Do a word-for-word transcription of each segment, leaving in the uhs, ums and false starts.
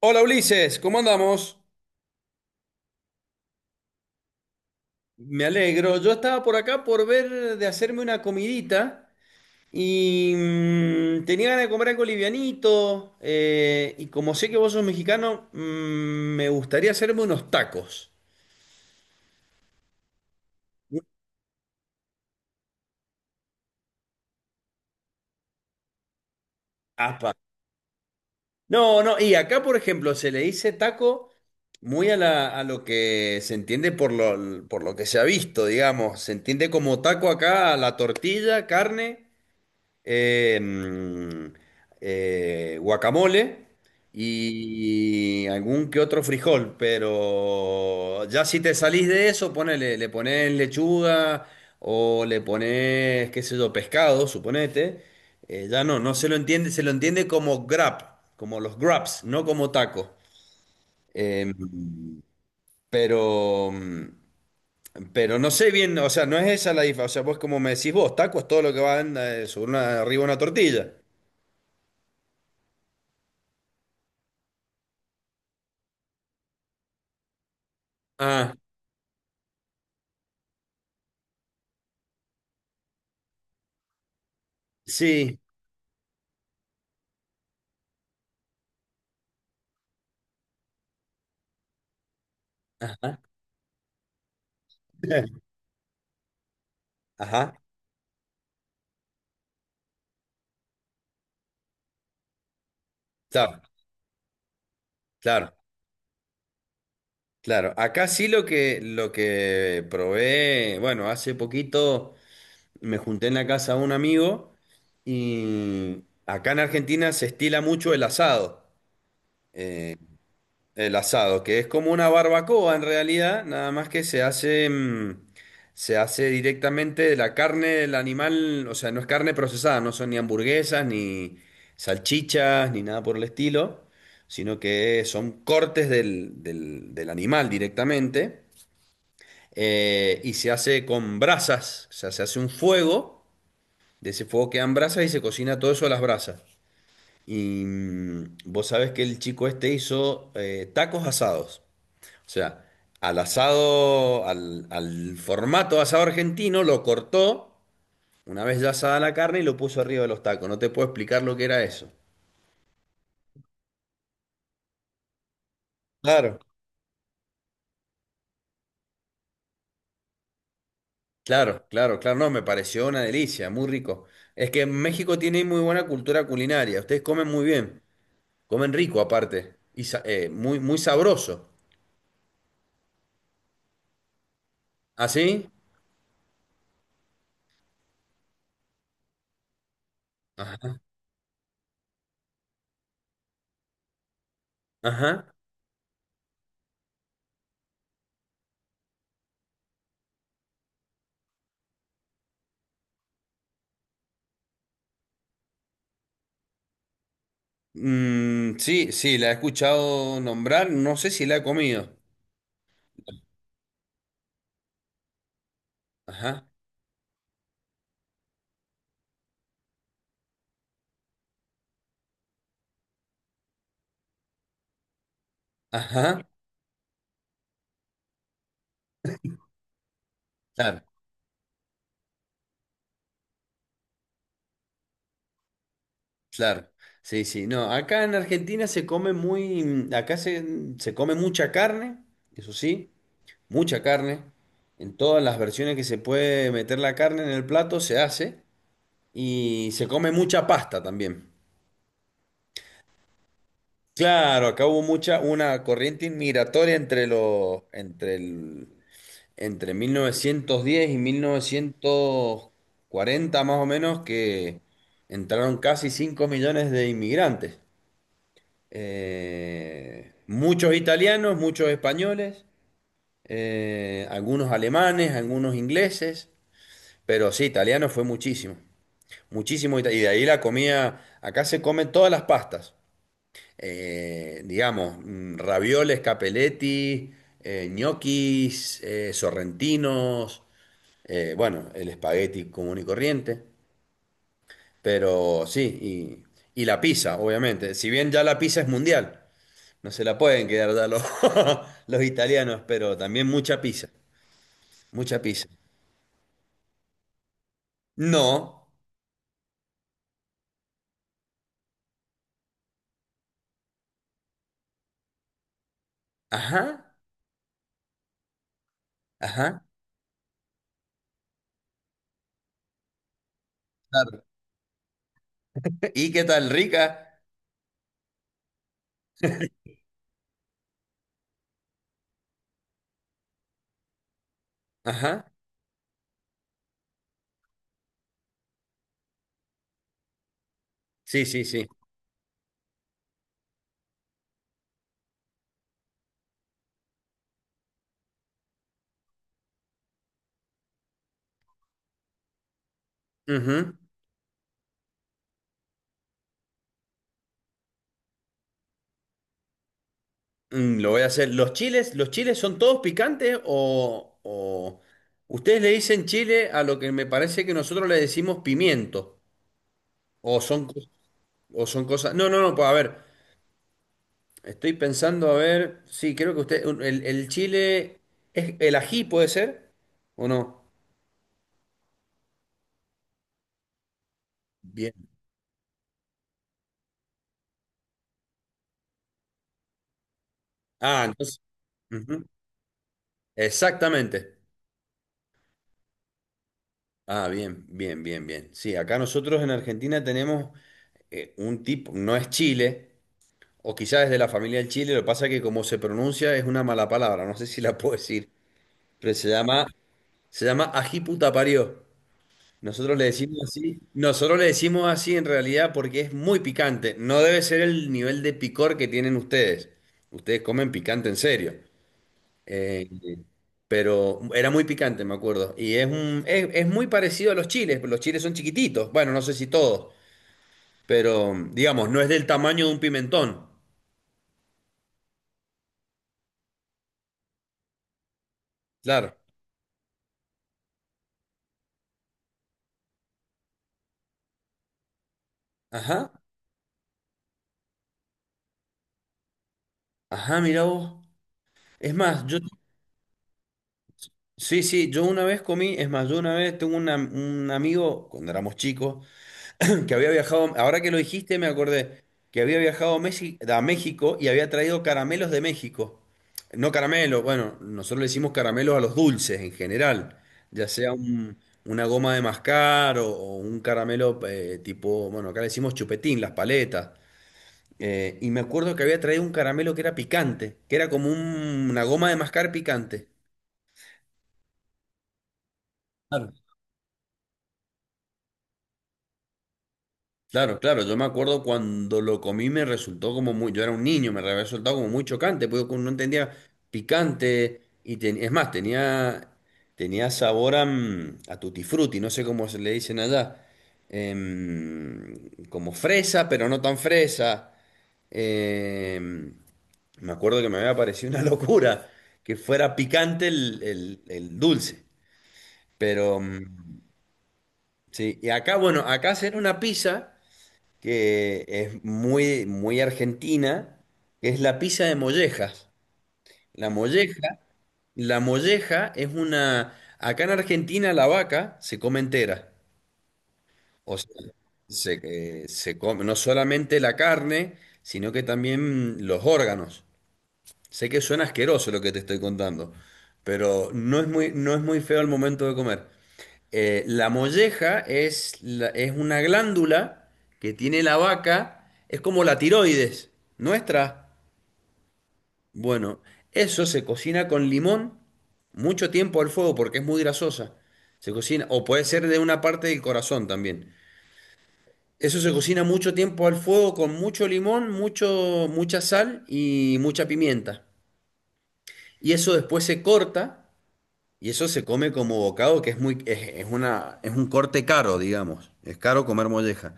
Hola Ulises, ¿cómo andamos? Me alegro. Yo estaba por acá por ver de hacerme una comidita y mm, tenía ganas de comer algo livianito. Eh, y como sé que vos sos mexicano, mm, me gustaría hacerme unos tacos. Apa. No, no, y acá por ejemplo se le dice taco muy a, la- a lo que se entiende por lo, por lo que se ha visto, digamos. Se entiende como taco acá a la tortilla, carne. em, eh, Guacamole y algún que otro frijol, pero ya si te salís de eso, ponele, le pones lechuga o le pones, qué sé yo, pescado, suponete, eh, ya no, no se lo entiende, se lo entiende como grab, como los grabs, no como taco. Em, pero, mm, pero no sé bien, o sea, no es esa la diferencia, o sea, vos como me decís vos, taco es todo lo que va en, eh, sobre una, arriba de una tortilla. Ah, sí. Ajá. Ajá, claro, claro, claro. Acá sí lo que, lo que probé, bueno, hace poquito me junté en la casa de un amigo y acá en Argentina se estila mucho el asado. El asado, que es como una barbacoa en realidad, nada más que se hace, mm, se hace directamente de la carne del animal, o sea, no es carne procesada, no son ni hamburguesas, ni salchichas, ni nada por el estilo, sino que son cortes del, del- del animal directamente, eh, y se hace con brasas, o sea, se hace un fuego, de ese fuego quedan brasas y se cocina todo eso a las brasas. Y mm, vos sabés que el chico este hizo eh, tacos asados. O sea, al asado, al, al formato asado argentino, lo cortó una vez ya asada la carne y lo puso arriba de los tacos. No te puedo explicar lo que era eso. Claro. Claro, claro, claro, no, me pareció una delicia, muy rico. Es que México tiene muy buena cultura culinaria, ustedes comen muy bien, comen rico aparte, y sa- eh, muy, muy sabroso. ¿Así? Ajá, ajá. Mm, sí, sí, la he escuchado nombrar, no sé si la he comido. Ajá, ajá, claro. Claro, sí, sí. No, acá en Argentina se come muy, mm, acá se, mm, se come mucha carne, eso sí, mucha carne. En todas las versiones que se puede meter la carne en el plato se hace y se come mucha pasta también. Claro, acá hubo mucha, una corriente inmigratoria entre los, entre el, entre mil novecientos diez y mil novecientos cuarenta más o menos que entraron casi cinco millones de inmigrantes. Eh, muchos italianos, muchos españoles, eh, algunos alemanes, algunos ingleses, pero sí, italiano fue muchísimo, muchísimo, ita- y de ahí la comida, acá se comen todas las pastas, eh, digamos, mm, ravioles, capeletti, eh, ñoquis, eh, sorrentinos, eh, bueno, el espagueti común y corriente, pero sí, y, y la pizza, obviamente, si bien ya la pizza es mundial. No se la pueden quedar ya los, los italianos, pero también mucha pizza, mucha pizza. No, ajá, ajá, claro. ¿Y qué tal, rica? Ajá, sí, sí, sí. Ujú. Mm, lo voy a hacer. ¿Los chiles, los chiles son todos picantes, o, o... ¿Ustedes le dicen chile a lo que me parece que nosotros le decimos pimiento? ¿O son, cos- o son cosas? No, no, no, pues a ver. Estoy pensando, a ver, sí, creo que usted, un- el, el chile, ¿es el ají puede ser? ¿O no? Bien. Ah, entonces. Ujú. Exactamente. Ah, bien, bien, bien, bien. Sí, acá nosotros en Argentina tenemos eh, un tipo, no es chile, o quizás es de la familia del chile, lo que pasa es que como se pronuncia es una mala palabra, no sé si la puedo decir, pero se llama, se llama ají puta parió. Nosotros le decimos así, nosotros le decimos así en realidad porque es muy picante. No debe ser el nivel de picor que tienen ustedes. Ustedes comen picante en serio. Eh, pero era muy picante, me acuerdo. Y es un, es, es muy parecido a los chiles. Los chiles son chiquititos. Bueno, no sé si todos, pero digamos, no es del tamaño de un pimentón. Claro. Ajá. Ajá, mira vos. Es más, yo, sí, sí, yo una vez comí, es más, yo una vez tengo una- un amigo, cuando éramos chicos, que había viajado, ahora que lo dijiste, me acordé que había viajado a Mexi- a México y había traído caramelos de México. No caramelos, bueno, nosotros le decimos caramelos a los dulces en general, ya sea un- una goma de mascar o, o un caramelo eh, tipo, bueno, acá le decimos chupetín, las paletas. Eh, y me acuerdo que había traído un caramelo que era picante, que era como un- una goma de mascar picante. Claro, claro, yo me acuerdo cuando lo comí me resultó como muy, yo era un niño, me había resultado como muy chocante, porque como no entendía picante y ten- es más, tenía, tenía sabor a, mm, a tutti frutti, no sé cómo se le dicen allá, em, como fresa, pero no tan fresa. em, Me acuerdo que me había parecido una locura que fuera picante el, el- el dulce, pero mm, sí, y acá, bueno, acá hacer una pizza que es muy, muy argentina, que es la pizza de mollejas. La molleja, la molleja es una, acá en Argentina la vaca se come entera. O sea, se, eh, se come no solamente la carne, sino que también los órganos. Sé que suena asqueroso lo que te estoy contando, pero no es muy, no es muy feo al momento de comer. Eh, la molleja es, la- es una glándula que tiene la vaca, es como la tiroides nuestra. Bueno, eso se cocina con limón mucho tiempo al fuego porque es muy grasosa. Se cocina, o puede ser de una parte del corazón también. Eso se cocina mucho tiempo al fuego con mucho limón, mucho, mucha sal y mucha pimienta. Y eso después se corta y eso se come como bocado, que es muy, es, es una, es un corte caro, digamos. Es caro comer molleja.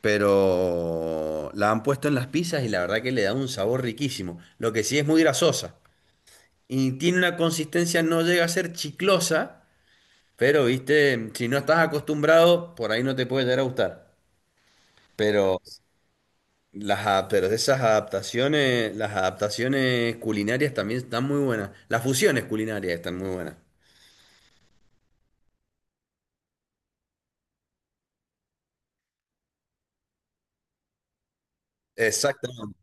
Pero la han puesto en las pizzas y la verdad que le da un sabor riquísimo. Lo que sí es muy grasosa y tiene una consistencia, no llega a ser chiclosa, pero viste, si no estás acostumbrado, por ahí no te puede llegar a gustar. Pero las a- pero esas adaptaciones, las adaptaciones culinarias también están muy buenas. Las fusiones culinarias están muy buenas. Exactamente.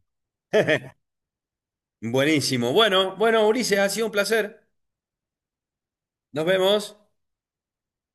Buenísimo. Bueno, bueno, Ulises, ha sido un placer. Nos vemos.